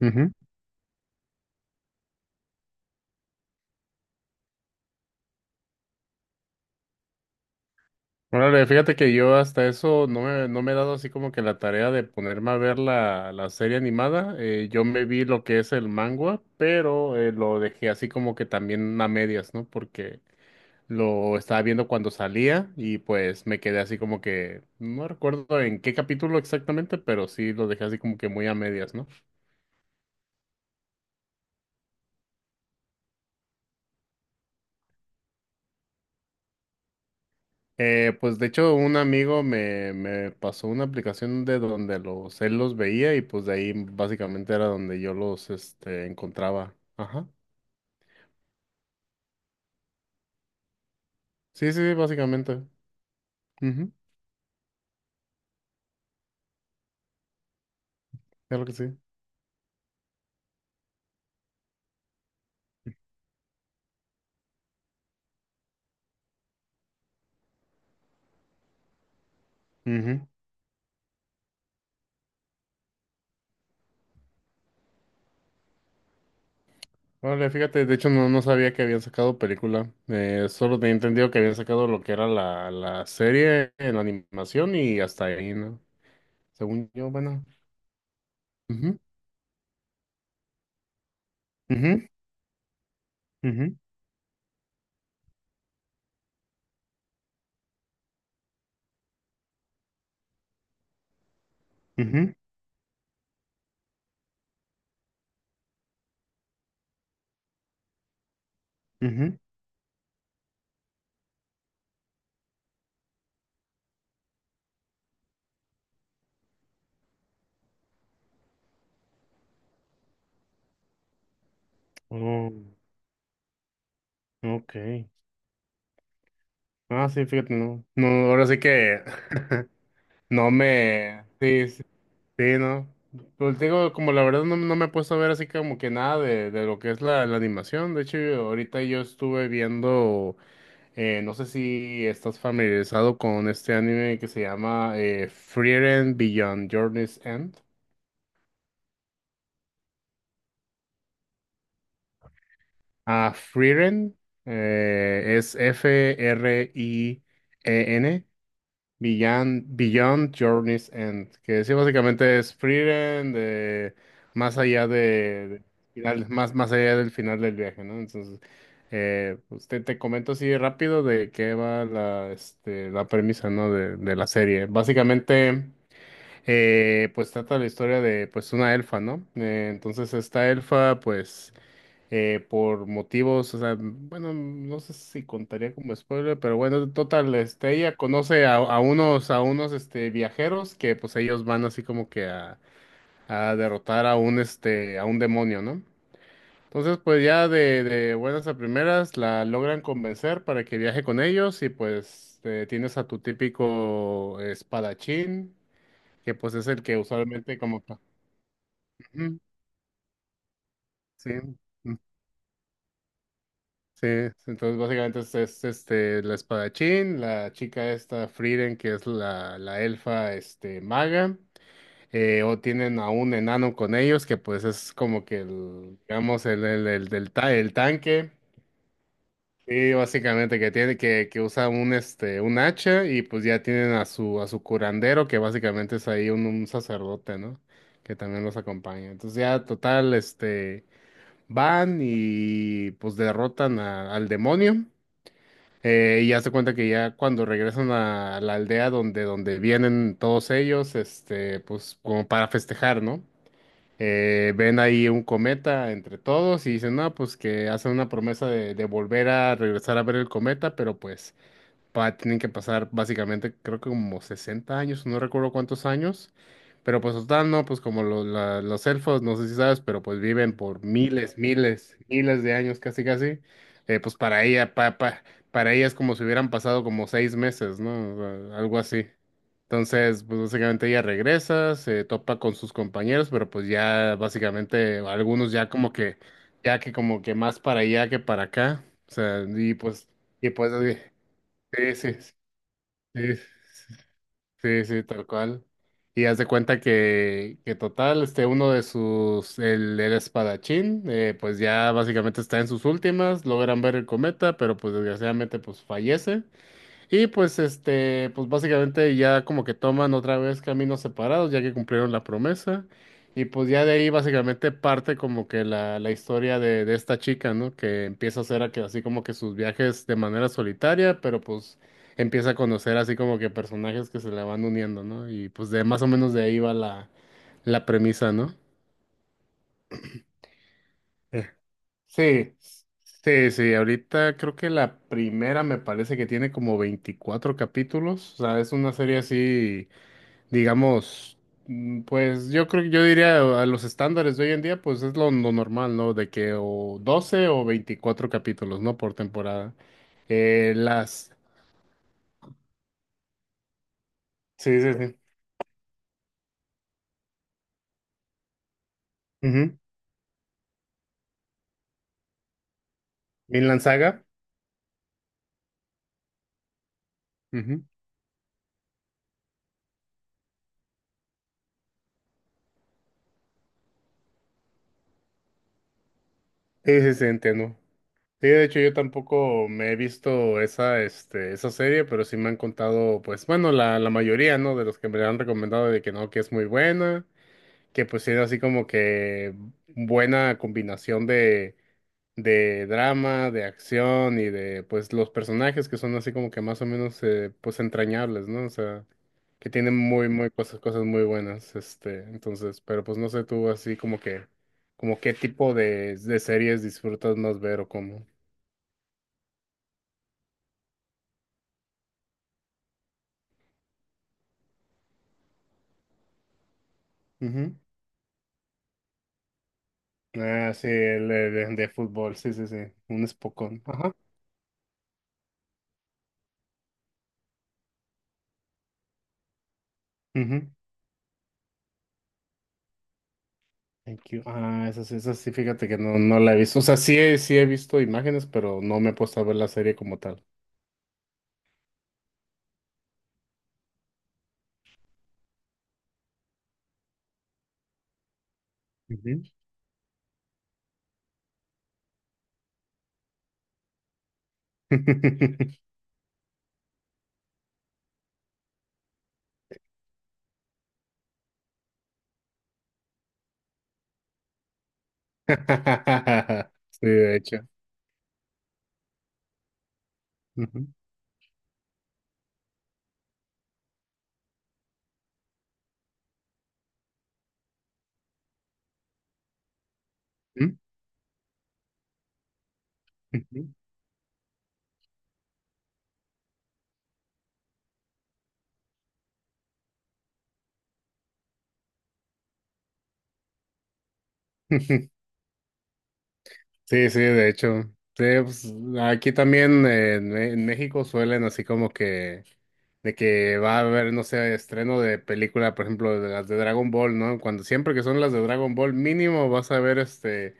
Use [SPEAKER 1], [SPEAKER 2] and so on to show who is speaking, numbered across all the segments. [SPEAKER 1] Ujú. Órale, fíjate que yo hasta eso no me he dado así como que la tarea de ponerme a ver la serie animada. Yo me vi lo que es el manga, pero lo dejé así como que también a medias, ¿no? Porque lo estaba viendo cuando salía y pues me quedé así como que, no recuerdo en qué capítulo exactamente, pero sí lo dejé así como que muy a medias, ¿no? Pues de hecho un amigo me pasó una aplicación de donde él los veía y pues de ahí básicamente era donde yo los encontraba. Ajá. Sí, sí, básicamente. Ujú. Claro que sí. Ujú. Órale, fíjate, de hecho no, no sabía que habían sacado película. Solo tenía entendido que habían sacado lo que era la serie en animación y hasta ahí, ¿no? Según yo, bueno. Ujú, ujú, ujú, ujú, ujú. Oh, ok. Ah, sí, fíjate, no. No, ahora sí que no me. Sí, sí, sí, no. Pues te digo, como la verdad no, no me he puesto a ver así como que nada de lo que es la animación. De hecho, ahorita yo estuve viendo, no sé si estás familiarizado con este anime que se llama Frieren Beyond Journey's End. Ah, Frieren es FRIEN. Beyond, Beyond Journey's End, que sí, básicamente es Frieren de más allá de más, más allá del final del viaje, ¿no? Entonces, pues te comento así rápido de qué va la premisa, ¿no? De la serie. Básicamente, pues trata la historia de, pues, una elfa, ¿no? Entonces, esta elfa, pues, por motivos, o sea, bueno, no sé si contaría como spoiler, pero bueno, total, ella conoce a a unos, viajeros que pues ellos van así como que a derrotar a a un demonio, ¿no? Entonces, pues ya de buenas a primeras la logran convencer para que viaje con ellos y pues tienes a tu típico espadachín, que pues es el que usualmente como... que- Ujú. Sí. Sí, entonces básicamente es la espadachín, la chica esta Frieren, que es la elfa este maga, o tienen a un enano con ellos, que pues es como que el, digamos, el tanque. Y básicamente que tiene, que usa un hacha, y pues ya tienen a su curandero, que básicamente es ahí un sacerdote, ¿no? Que también los acompaña. Entonces ya total, van y pues derrotan al demonio. Y hace cuenta que ya cuando regresan a la aldea donde, donde vienen todos ellos, pues como para festejar, ¿no? Ven ahí un cometa entre todos y dicen, no, pues que hacen una promesa de volver a regresar a ver el cometa, pero pues pa tienen que pasar básicamente, creo que como 60 años, no recuerdo cuántos años, pero pues total, no, pues como los elfos, no sé si sabes, pero pues viven por miles, miles, miles de años casi casi, pues para ella, para ella es como si hubieran pasado como 6 meses, ¿no? O sea, algo así. Entonces, pues básicamente ella regresa, se topa con sus compañeros, pero pues ya básicamente algunos ya como que, ya que como que más para allá que para acá, o sea, y pues... Y pues, sí, sí, sí, sí, sí, tal cual. Y haz de cuenta que total, uno de sus, el espadachín, pues ya básicamente está en sus últimas, logran ver el cometa, pero pues desgraciadamente pues fallece. Y pues pues básicamente ya como que toman otra vez caminos separados, ya que cumplieron la promesa. Y pues ya de ahí básicamente parte como que la historia de esta chica, ¿no? Que empieza a hacer así como que sus viajes de manera solitaria, pero pues empieza a conocer así como que personajes que se le van uniendo, ¿no? Y pues de más o menos de ahí va la premisa, ¿no? Sí, sí, sí, ahorita creo que la primera me parece que tiene como 24 capítulos, o sea, es una serie así, digamos, mm, pues yo creo que yo diría a los estándares de hoy en día, pues es lo normal, ¿no? De que o 12 o 24 capítulos, ¿no? Por temporada. Las... Sí, sí, sí. Ujú. Vinland Saga. Ujú. Sí, sí, sí, entiendo. Sí, de hecho yo tampoco me he visto esa, esa serie, pero sí me han contado, pues bueno, la mayoría, ¿no? De los que me la han recomendado de que no, que es muy buena, que pues era así como que buena combinación de drama, de acción y de, pues, los personajes que son así como que más o menos, pues, entrañables, ¿no? O sea, que tienen muy, muy cosas, cosas muy buenas, entonces, pero pues no sé tú así como que, como qué tipo de series disfrutas más ver o cómo. Ujú. Ah, sí, el de, de fútbol, sí, sí, sí, un espocón. Ajá. Ujú. Thank you. Ah, esa, esa sí, fíjate que no, no la he visto. O sea, sí, sí he visto imágenes, pero no me he puesto a ver la serie como tal. Ujú. Sí, de hecho. Ujú. ¿Mm? Ujú. Sí, sí, de hecho. Sí, pues, aquí también en México suelen así como que de que va a haber, no sé, estreno de película, por ejemplo, de las de Dragon Ball, ¿no? Cuando siempre que son las de Dragon Ball, mínimo vas a ver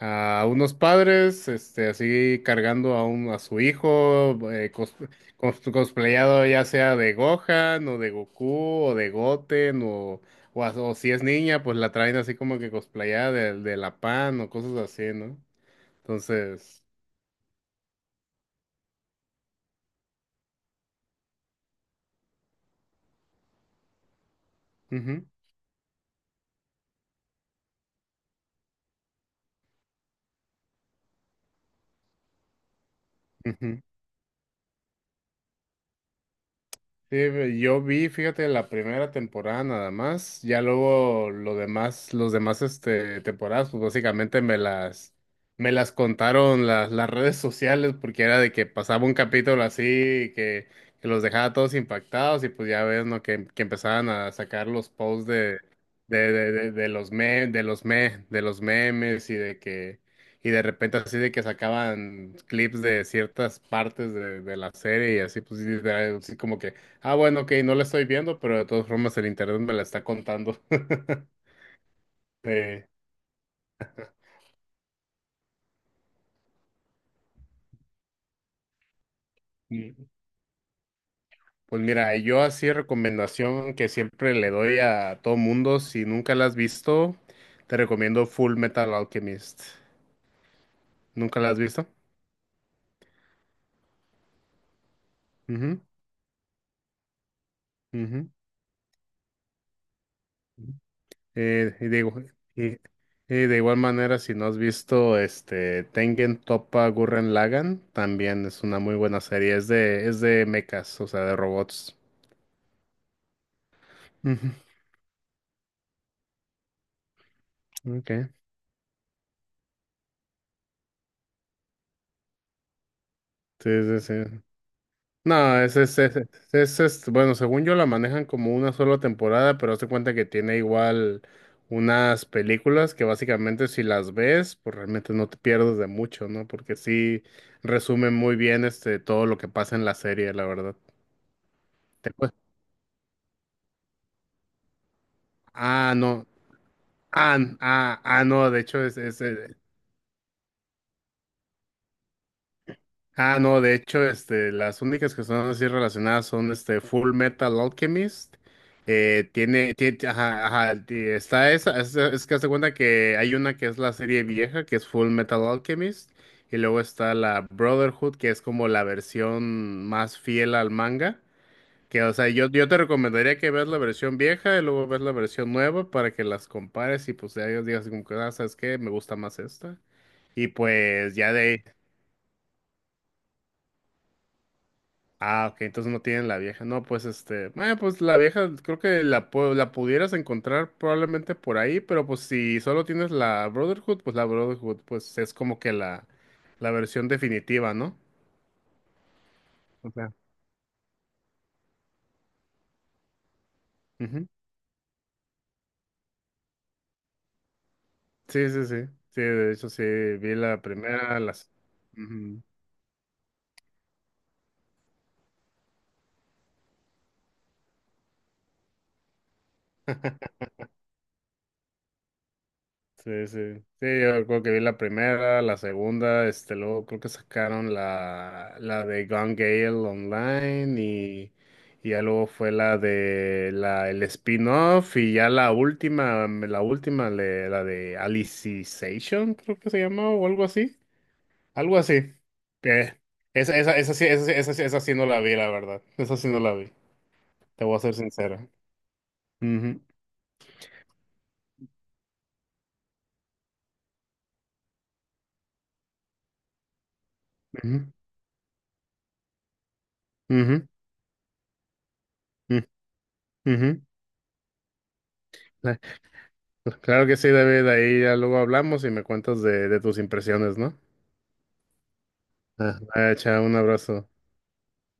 [SPEAKER 1] a unos padres, así cargando a un, a su hijo, cosplayado ya sea de Gohan o de Goku o de Goten o si es niña, pues la traen así como que cosplayada de la Pan o cosas así, ¿no? Entonces, ujú, ujú. Sí, yo vi, fíjate, la primera temporada nada más, ya luego lo demás, los demás temporadas, pues básicamente me las contaron las redes sociales, porque era de que pasaba un capítulo así que los dejaba todos impactados, y pues ya ves, ¿no? Que empezaban a sacar los posts de los me, de los me, de los memes y de que y de repente así de que sacaban clips de ciertas partes de la serie y así pues y así como que: Ah, bueno, ok, no la estoy viendo, pero de todas formas el internet me la está contando. Eh, mm, pues mira, yo así recomendación que siempre le doy a todo mundo, si nunca la has visto, te recomiendo Full Metal Alchemist. ¿Nunca la has visto? Ujú, ujú. Eh, y de, igu- y, y de igual manera, si no has visto este Tengen Toppa Gurren Lagann, también es una muy buena serie. Es de mechas, o sea, de robots. Ujú, ok. Sí, sí, sí. No, es- Bueno, según yo la manejan como una sola temporada, pero hazte cuenta que tiene igual unas películas que básicamente si las ves, pues realmente no te pierdes de mucho, ¿no? Porque sí resumen muy bien todo lo que pasa en la serie, la verdad. Te cue- Ah, no. Ah, n- ah, ah, no, de hecho es, Ah, no, de hecho, las únicas que son así relacionadas son este Full Metal Alchemist. Tiene, tie- ajá, ajá, ti- Está esa, es que hace cuenta que hay una que es la serie vieja, que es Full Metal Alchemist, y luego está la Brotherhood, que es como la versión más fiel al manga. Que, o sea, yo te recomendaría que veas la versión vieja y luego veas la versión nueva para que las compares y pues ya digas como que, ah, ¿sabes qué? Me gusta más esta. Y pues ya de ahí. Ah, ok, entonces no tienen la vieja. No, pues pues la vieja creo que la pudieras encontrar probablemente por ahí, pero pues si solo tienes la Brotherhood pues es como que la versión definitiva, ¿no? O sea, ujú. Sí, sí, sí. Sí, de hecho sí, vi la primera, las... Ujú. Sí, sí. Sí, yo creo que vi la primera, la segunda, luego creo que sacaron la de Gone Gale online y ya luego fue la de el spin-off y ya la última, la de Alicization, creo que se llamaba o algo así. Algo así. Que esa sí no la vi, la verdad. Esa sí no la vi. Te voy a ser sincero. Ujú, ujú, ujú, ujú, ujú. Pues claro que sí, David. Ahí ya luego hablamos y me cuentas de tus impresiones, ¿no? Ah, ah, un abrazo.